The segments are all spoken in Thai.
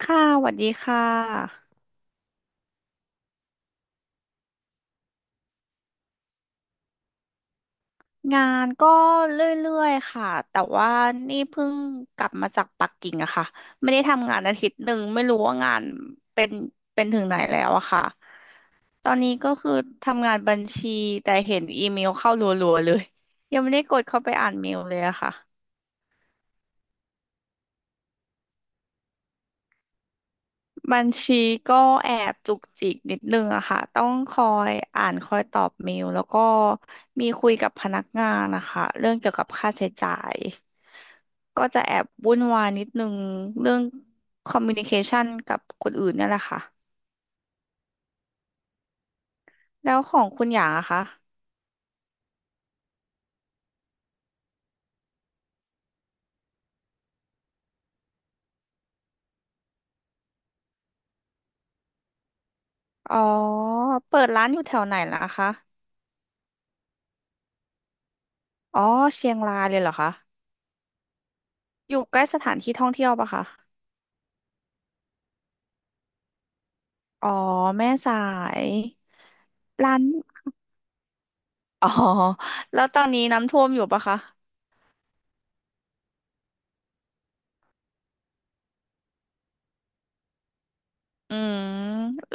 ค่ะสวัสดีค่ะ งานก็เรื่อยๆ ค่ะ แต่ว่านี่เพิ่งกลับมาจากปักกิ่งอะค่ะ ไม่ได้ทำงานอาทิตย์หนึ่ง ไม่รู้ว่างานเป็นเป็นถึงไหนแล้วอะค่ะ ตอนนี้ก็คือทำงานบัญชี แต่เห็นอีเมลเข้ารัวๆ เลย ยังไม่ได้กดเข้าไปอ่านเมลเลยอะค่ะ บัญชีก็แอบจุกจิกนิดนึงอะค่ะต้องคอยอ่านคอยตอบเมลแล้วก็มีคุยกับพนักงานนะคะเรื่องเกี่ยวกับค่าใช้จ่ายก็จะแอบวุ่นวายนิดนึงเรื่องคอมมิวนิเคชันกับคนอื่นเนี่ยแหละค่ะแล้วของคุณหยางอะคะอ๋อเปิดร้านอยู่แถวไหนล่ะคะอ๋อเชียงรายเลยเหรอคะอยู่ใกล้สถานที่ท่องเที่ยวปะคะอ๋อแม่สายร้าน อ๋อ แล้วตอนนี้น้ำท่วมอยู่ปะคะ อืม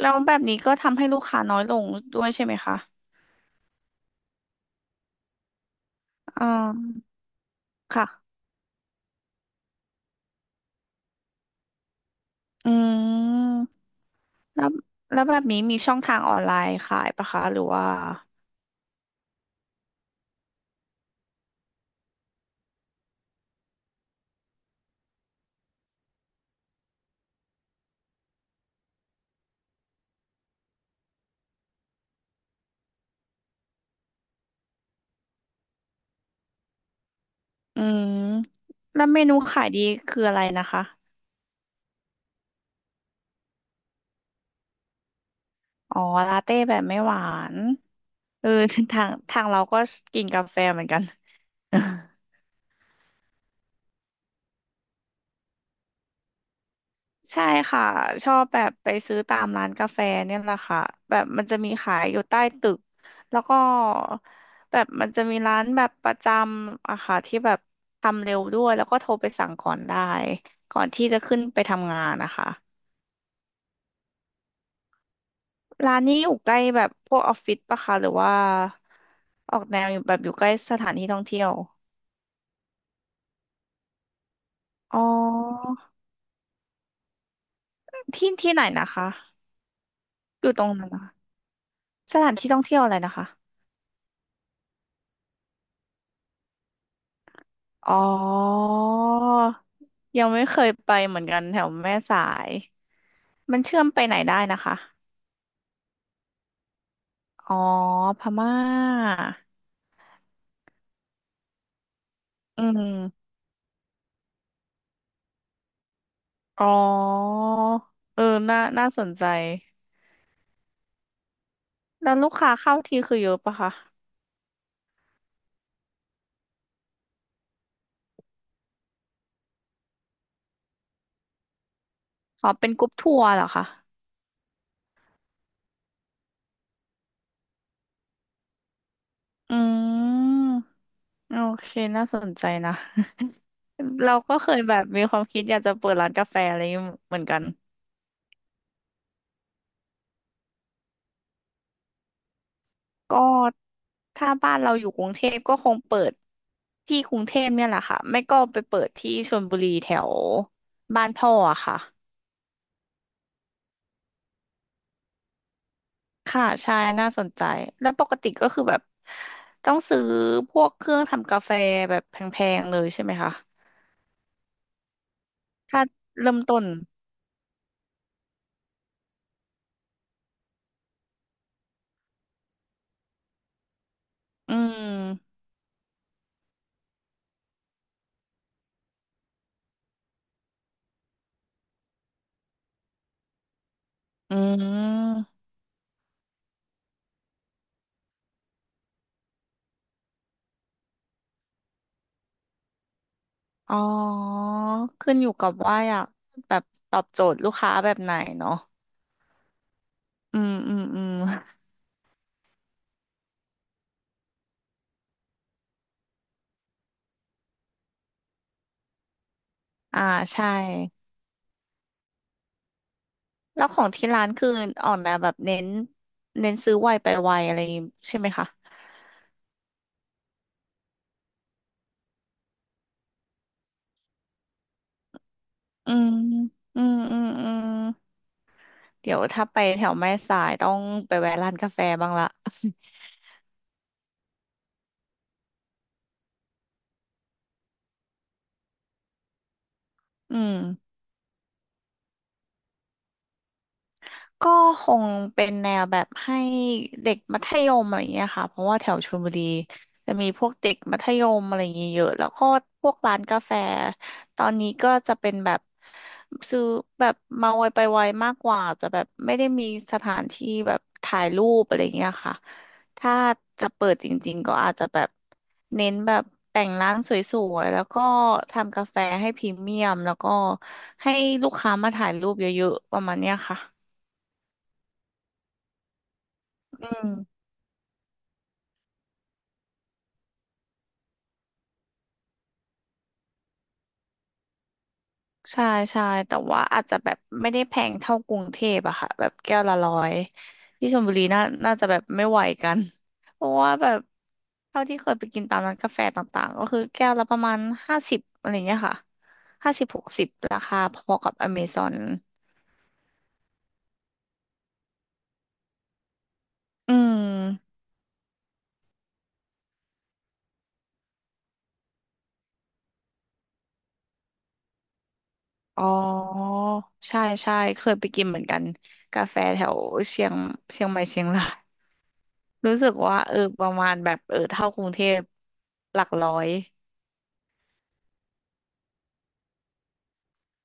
แล้วแบบนี้ก็ทำให้ลูกค้าน้อยลงด้วยใช่ไหมคะ อ่าค่ะ อืมแล้วแล้วแบบนี้มีช่องทางออนไลน์ขายปะคะ หรือว่า อืม แล้วเมนูขายดีคืออะไรนะคะ อ๋อลาเต้แบบไม่หวานเออ ทางเราก็กินกาแฟเหมือนกัน ใช่ค่ะชอบแบบไปซื้อตามร้านกาแฟเนี่ยแหละค่ะแบบมันจะมีขายอยู่ใต้ตึกแล้วก็แบบมันจะมีร้านแบบประจำอะค่ะที่แบบทำเร็วด้วยแล้วก็โทรไปสั่งก่อนได้ก่อนที่จะขึ้นไปทำงานนะคะร้านนี้อยู่ใกล้แบบพวกออฟฟิศปะคะหรือว่าออกแนวอยู่แบบอยู่ใกล้สถานที่ท่องเที่ยวอ๋อที่ที่ไหนนะคะอยู่ตรงนั้นนะคะสถานที่ท่องเที่ยวอะไรนะคะ อ๋อ ยังไม่เคยไปเหมือนกันแถวแม่สาย มันเชื่อมไปไหนได้นะคะ อ๋อพม่าอืมอ๋อเออน่าสนใจ แล้วลูกค้าเข้าทีคือเยอะปะคะอ๋อเป็นกรุ๊ปทัวร์เหรอคะอืม โอเค น่าสนใจนะ เราก็เคยแบบมีความคิดอยากจะเปิดร้านกาแฟอะไรอย่างงี้เหมือนกัน ก็ถ้าบ้านเราอยู่กรุงเทพก็คงเปิดที่กรุงเทพเนี่ยแหละค่ะไม่ก็ไปเปิดที่ชลบุรีแถวบ้านพ่ออะค่ะค่ะใช่น่าสนใจแล้วปกติก็คือแบบต้องซื้อพวกเครื่องทำกาแฟแบบแพงๆเลยใช่ไหมคะถ้าเริ่มต้นอืมอืมอ๋อขึ้นอยู่กับว่าอยากแบบตอบโจทย์ลูกค้าแบบไหนเนาะอืมอืมอืมอ่าใช่ แล้วของที่ร้านคือออกแนวแบบเน้นเน้นซื้อไวไปไวอะไรใช่ไหมคะอืมอืมอืมอืมเดี๋ยวถ้าไปแถวแม่สายต้องไปแวะร้านกาแฟบ้างละ อืม ก็คงเป็นแนวแบบให้เด็กมัธยมอะไรอย่างเงี้ยค่ะเพราะว่าแถวชลบุรีจะมีพวกเด็กมัธยมอะไรอย่างเงี้ยเยอะแล้วก็พวกร้านกาแฟตอนนี้ก็จะเป็นแบบซื้อแบบมาไวไปไวมากกว่าจะแบบไม่ได้มีสถานที่แบบถ่ายรูปอะไรอย่างเงี้ยค่ะถ้าจะเปิดจริงๆก็อาจจะแบบเน้นแบบแต่งร้านสวยๆแล้วก็ทำกาแฟให้พรีเมียมแล้วก็ให้ลูกค้ามาถ่ายรูปเยอะๆประมาณเนี้ยค่ะ อืมใช่ใช่แต่ว่าอาจจะแบบไม่ได้แพงเท่ากรุงเทพอะค่ะแบบแก้วละร้อยที่ชลบุรีน่าจะแบบไม่ไหวกัน เพราะว่าแบบเท่าที่เคยไปกินตามร้านกาแฟต่างๆก็คือแก้วละประมาณห้าสิบอะไรเงี้ยค่ะห้าสิบ60ราคาพอกับอเมซอนอืมอ๋อใช่ใช่เคยไปกินเหมือนกันกาแฟแถวเชียงเชียงใหม่เชียงรายรู้สึกว่าเออประมาณแบบเออเท่ากรุงเทพหลักร้อย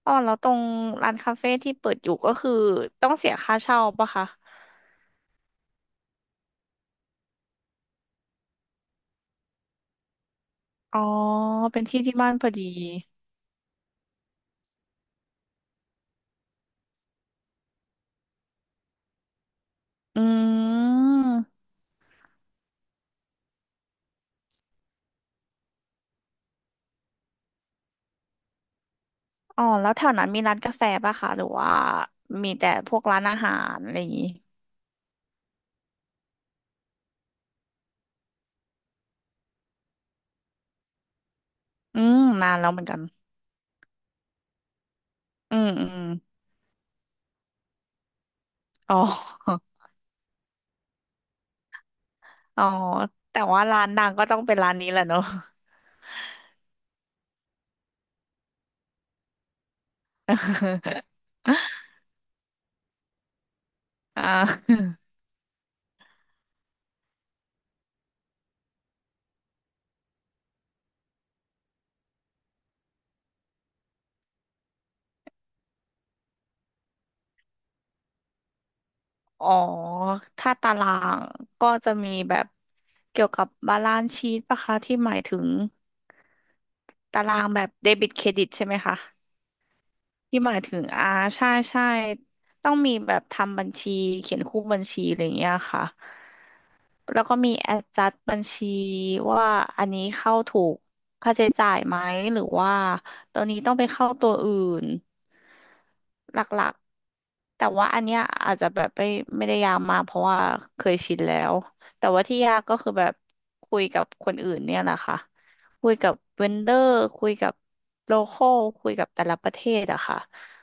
อ๋อแล้วตรงร้านคาเฟ่ที่เปิดอยู่ก็คือต้องเสียค่าเช่าปะคะ อ๋อเป็นที่ที่บ้านพอดีอืมอ๋อแล้วแถวนั้นมีร้านกาแฟปะคะหรือว่ามีแต่พวกร้านอาหารอะไรอย่างงี้อืมนานแล้วเหมือนกันอืมอืมอ๋ออ๋อแต่ว่าร้านดังก็ต้องเป็นร้านนี้แหละเนอะ อ่า อ๋อถ้าตารางก็จะมีแบบเกี่ยวกับบาลานซ์ชีตปะคะที่หมายถึงตารางแบบเดบิตเครดิตใช่ไหมคะที่หมายถึงอ่าใช่ใช่ต้องมีแบบทำบัญชีเขียนคู่บัญชีอะไรอย่างเงี้ยค่ะ แล้วก็มี adjust บัญชีว่าอันนี้เข้าถูกค่าใช้จ่ายไหมหรือว่าตัวนี้ต้องไปเข้าตัวอื่นหลักๆแต่ว่าอันเนี้ยอาจจะแบบไม่ได้ยากมากเพราะว่าเคยชินแล้วแต่ว่าที่ยากก็คือแบบคุยกับคนอื่นเนี่ยแหละค่ะคุยกับเวนเดอร์คุยกับโลคอลคุยกับแต่ละประเทศอะค่ะ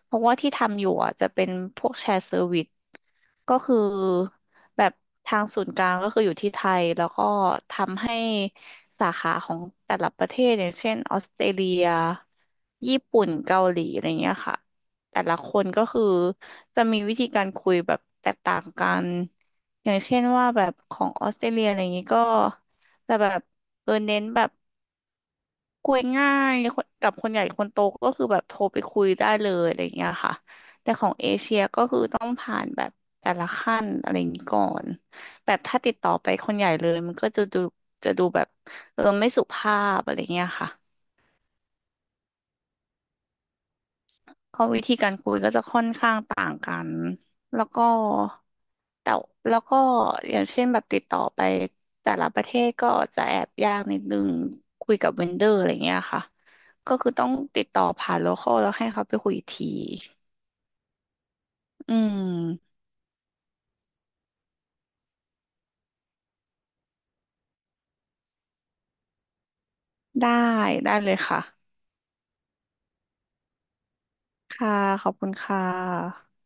เพราะว่าที่ทำอยู่อะจะเป็นพวกแชร์เซอร์วิส ก็คือแบบทางศูนย์กลางก็คืออยู่ที่ไทยแล้วก็ทำให้สาขาของแต่ละประเทศอย่างเช่นออสเตรเลียญี่ปุ่นเกาหลีอะไรเงี้ยค่ะแต่ละคนก็คือจะมีวิธีการคุยแบบแตกต่างกันอย่างเช่นว่าแบบของออสเตรเลียอะไรเงงี้ยก็จะแบบเออเน้นแบบ คุยง่ายคนกับคนใหญ่คนโตก็คือแบบโทรไปคุยได้เลยอะไรอย่างเงี้ยค่ะแต่ของเอเชียก็คือต้องผ่านแบบแต่ละขั้นอะไรอย่างนี้ก่อนแบบถ้าติดต่อไปคนใหญ่เลยมันก็จะดูจะดูแบบเออไม่สุภาพอะไรเงี้ยค่ะ ก็วิธีการคุยก็จะค่อนข้างต่างกันแล้วก็แต่แล้วก็อย่างเช่นแบบติดต่อไปแต่ละประเทศก็จะแอบยากนิดนึงคุยกับเวนเดอร์อะไรเงี้ยค่ะก็คือต้องติดต่อผ่านโลคอลแล้วให้เขาไปคุยอีกทีอืมได้ได้เลยค่ะค่ะขอบคุณค่ะ